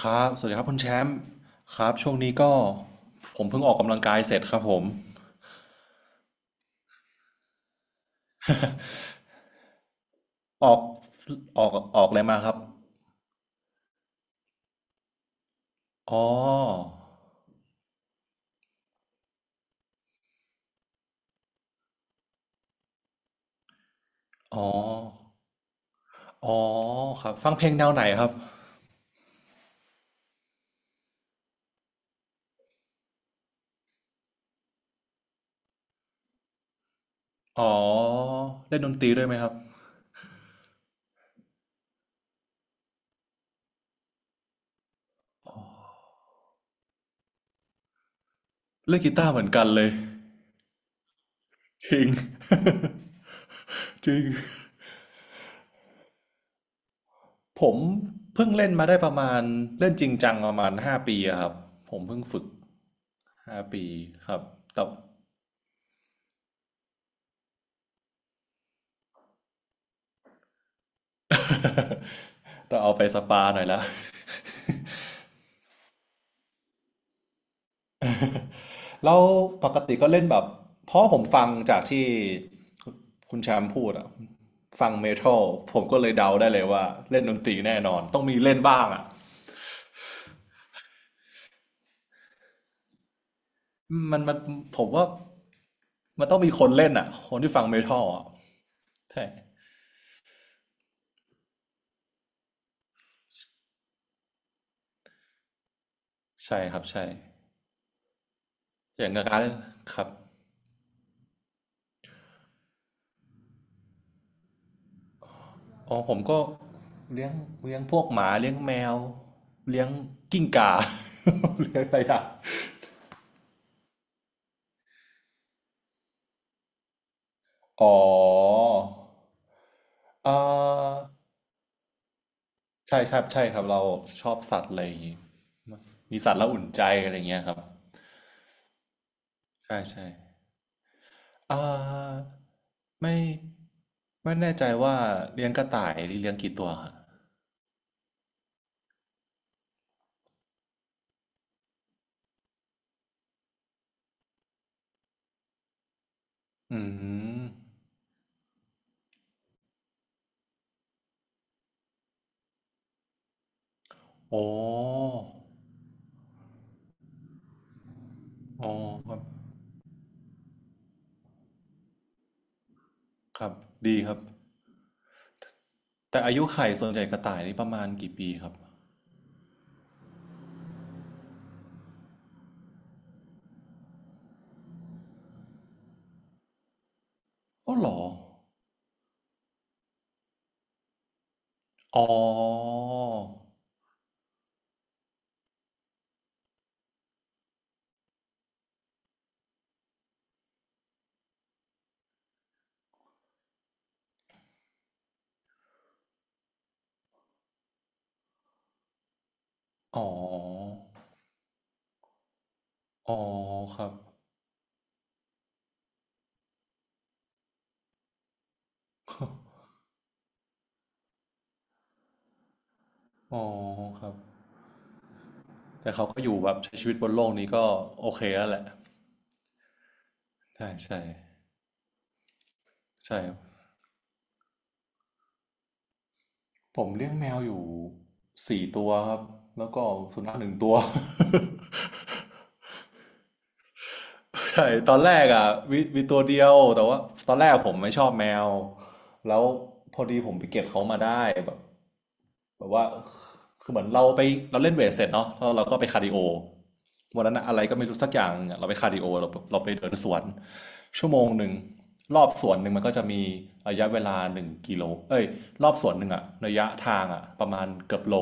ครับสวัสดีครับคุณแชมป์ครับช่วงนี้ก็ผมเพิ่งออกกำลังกายเสร็จครับผมออกออกออกอะไรมาครับอ๋ออ๋ออ๋อครับฟังเพลงแนวไหนครับอ๋อเล่นดนตรีด้วยไหมครับเล่นกีตาร์เหมือนกันเลยจริง จริงผมเพิ่งเล่นมาได้ประมาณเล่นจริงจังประมาณห้าปีอะครับผมเพิ่งฝึกห้าปีครับแต่ ต้องเอาไปสปาหน่อยละ แล้วปกติก็เล่นแบบเพราะผมฟังจากที่คุณแชมป์พูดอะฟังเมทัลผมก็เลยเดาได้เลยว่าเล่นดนตรีแน่นอนต้องมีเล่นบ้างอะมันผมว่ามันต้องมีคนเล่นอะคนที่ฟังเมทัลอะใช่ใช่ครับใช่อย่างการเล่นครับอ๋อผมก็เลี้ยงเลี้ยงพวกหมาเลี้ยงแมวเลี้ยงกิ้งก่า เลี้ยงอะไรอะอ๋อเอ่อ ใช่ครับใช่ครับเราชอบสัตว์อะไรอย่างงี้มีสัตว์แล้วอุ่นใจอะไรเงี้ยครับใช่ใช่อ่าไม่ไม่แน่ใจว่าเลี้ยงกระต่ายหรือเลี้ยงกี่ตัวครับอืมโอ้อ๋อครับครับดีครับแต่อายุไข่ส่วนใหญ่กระต่ายนี่ประมาณกี่ปีครับอ๋อเหรออ๋ออ๋ออ๋อครับอ๋อครับแต่เขาก็อยู่แบบใช้ชีวิตบนโลกนี้ก็โอเคแล้วแหละใช่ใช่ ใช่ครับผมเลี้ยงแมวอยู่4 ตัวครับแล้วก็สุนัข1 ตัว ใช่ตอนแรกอ่ะมีตัวเดียวแต่ว่าตอนแรกผมไม่ชอบแมวแล้วพอดีผมไปเก็บเขามาได้แบบแบบว่าคือเหมือนเราไปเราเล่นเวทเสร็จเนาะแล้วเราก็ไปคาร์ดิโอวันนั้นอะอะไรก็ไม่รู้สักอย่างหนึ่งอะเราไปคาร์ดิโอเราไปเดินสวน1 ชั่วโมงรอบสวนหนึ่งมันก็จะมีระยะเวลา1 กิโลเอ้ยรอบสวนหนึ่งอะระยะทางอะประมาณเกือบโล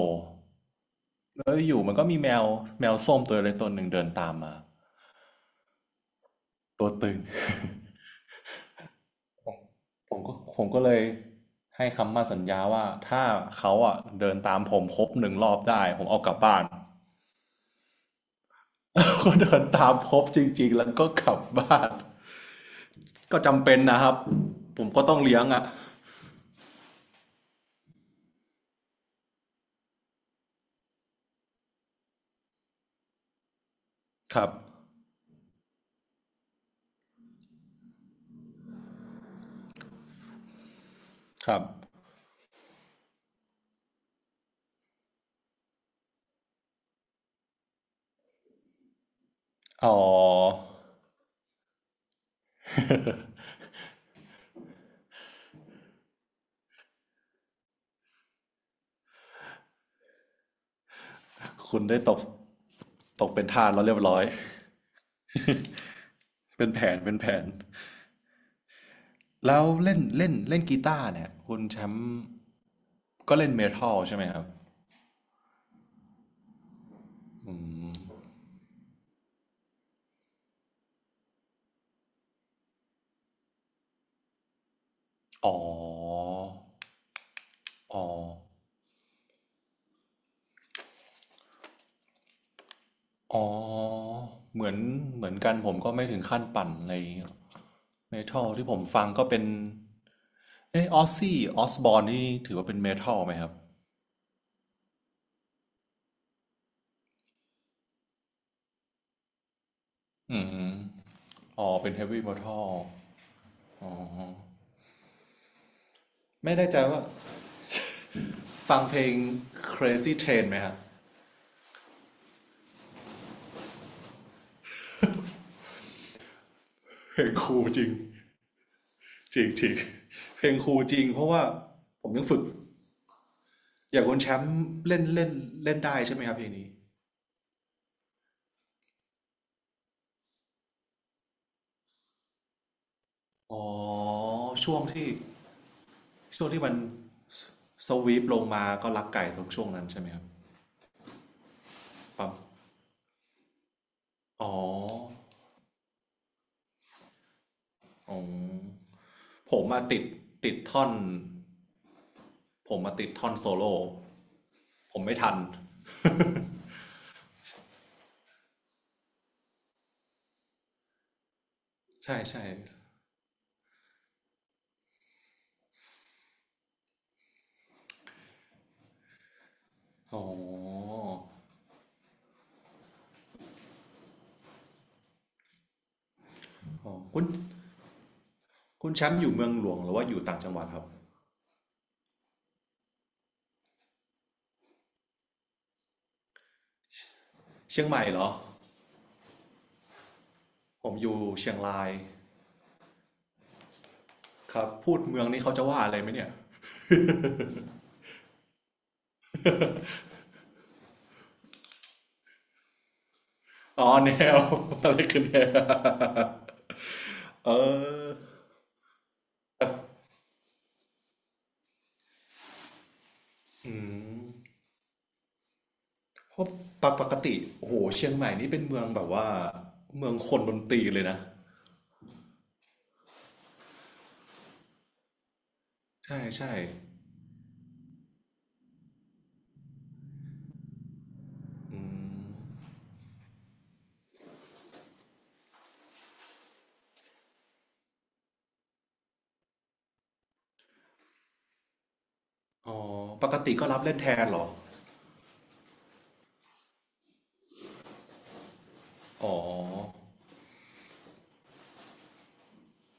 แล้วอยู่มันก็มีแมวแมวส้มตัวเล็กตัวหนึ่งเดินตามมาตัวตึง ผมก็ผมก็เลยให้คำมั่นสัญญาว่าถ้าเขาอ่ะเดินตามผมครบหนึ่งรอบได้ผมเอากลับบ้าน ก็เดินตามครบจริงๆแล้วก็กลับบ้าน ก็จำเป็นนะครับผมก็ต้องเลี้ยงอ่ะครับครับอ๋อ คุณได้ตกตกเป็นทาสแล้วเรียบร้อย เป็นแผนเป็นแผนแล้วเล่นเล่นเล่นกีตาร์เนี่ยคุณแชมป์ก็เล่นเมทัลใช่ไหมครับ อ๋อ อ๋ออ๋อเหมือนเหมือนกันผมก็ไม่ถึงขั้นปั่นอะไรอย่างเงี้ยเมทัลที่ผมฟังก็เป็นอ z ซซี่ออสบอร์นนี่ถือว่าเป็นเมทัลไหมครับอืมอ๋อเป็นเฮฟวี่เมทัลไม่แน่ใจว่าฟังเพลง Crazy Train ไหมครับเพลงครูลจริงจริงจริงเพลงครูลจริงเพราะว่าผมยังฝึกอย่างคนแชมป์เล่นเล่นเล่นได้ใช่ไหมครับเพลงนี้ อ๋อช่วงที่ช่วงที่มัน สวีปลงมาก็รักไก่ตรกช่วงนั้นใช่ไหมครับปั๊บอ๋ออ๋อผมมาติดท่อนผมมาติดท่อนโซโล่ผมไม่ทันใช่ใช่อ๋ออ๋อคุณแชมป์อยู่เมืองหลวงหรือว่าอยู่ต่างจังหวัดครับเชียงใหม่เหรอผมอยู่เชียงรายครับพูดเมืองนี้เขาจะว่าอะไรไหมเนี่ยอ๋อแนว อะไรคือแนว เอออืม เพราะปกติโอ้โหเชียงใหม่นี่เป็นเมืองแบบว่าเมืองคนดนตรีเลยนะใช่ใช่อืมอ๋อปกติก็รับเล่นแทนเหรออ๋อ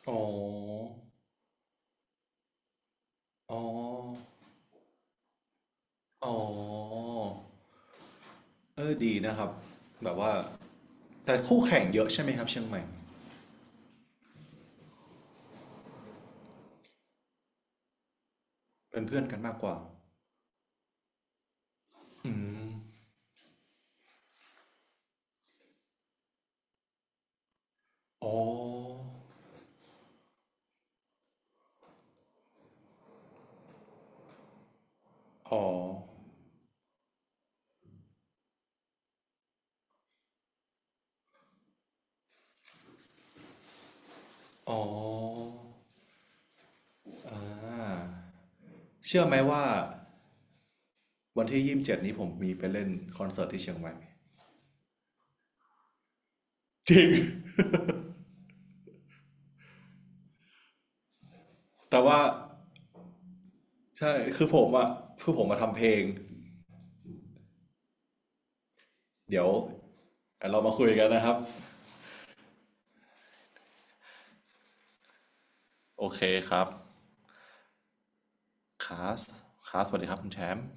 อ๋ออ๋ออ๋อเออดีนะครับแบบว่าแต่คู่แข่งเยอะใช่ไหมครับเชียงใหม่เป็นเพื่อนกันมากกว่าอืมอ๋ออ๋ออ๋ออ่าเชื่อไหมว่าวันที่27นี้ผมมีไปเล่นคอนเสิร์ตที่เชียงใหม่ จริง แต่ว่าใช่คือผมอะคือผมมาทำเพลง เดี๋ยวเรามาคุยกันนะครับ โอเคครับคาสคาสสวัสดีครับคุณแชมป์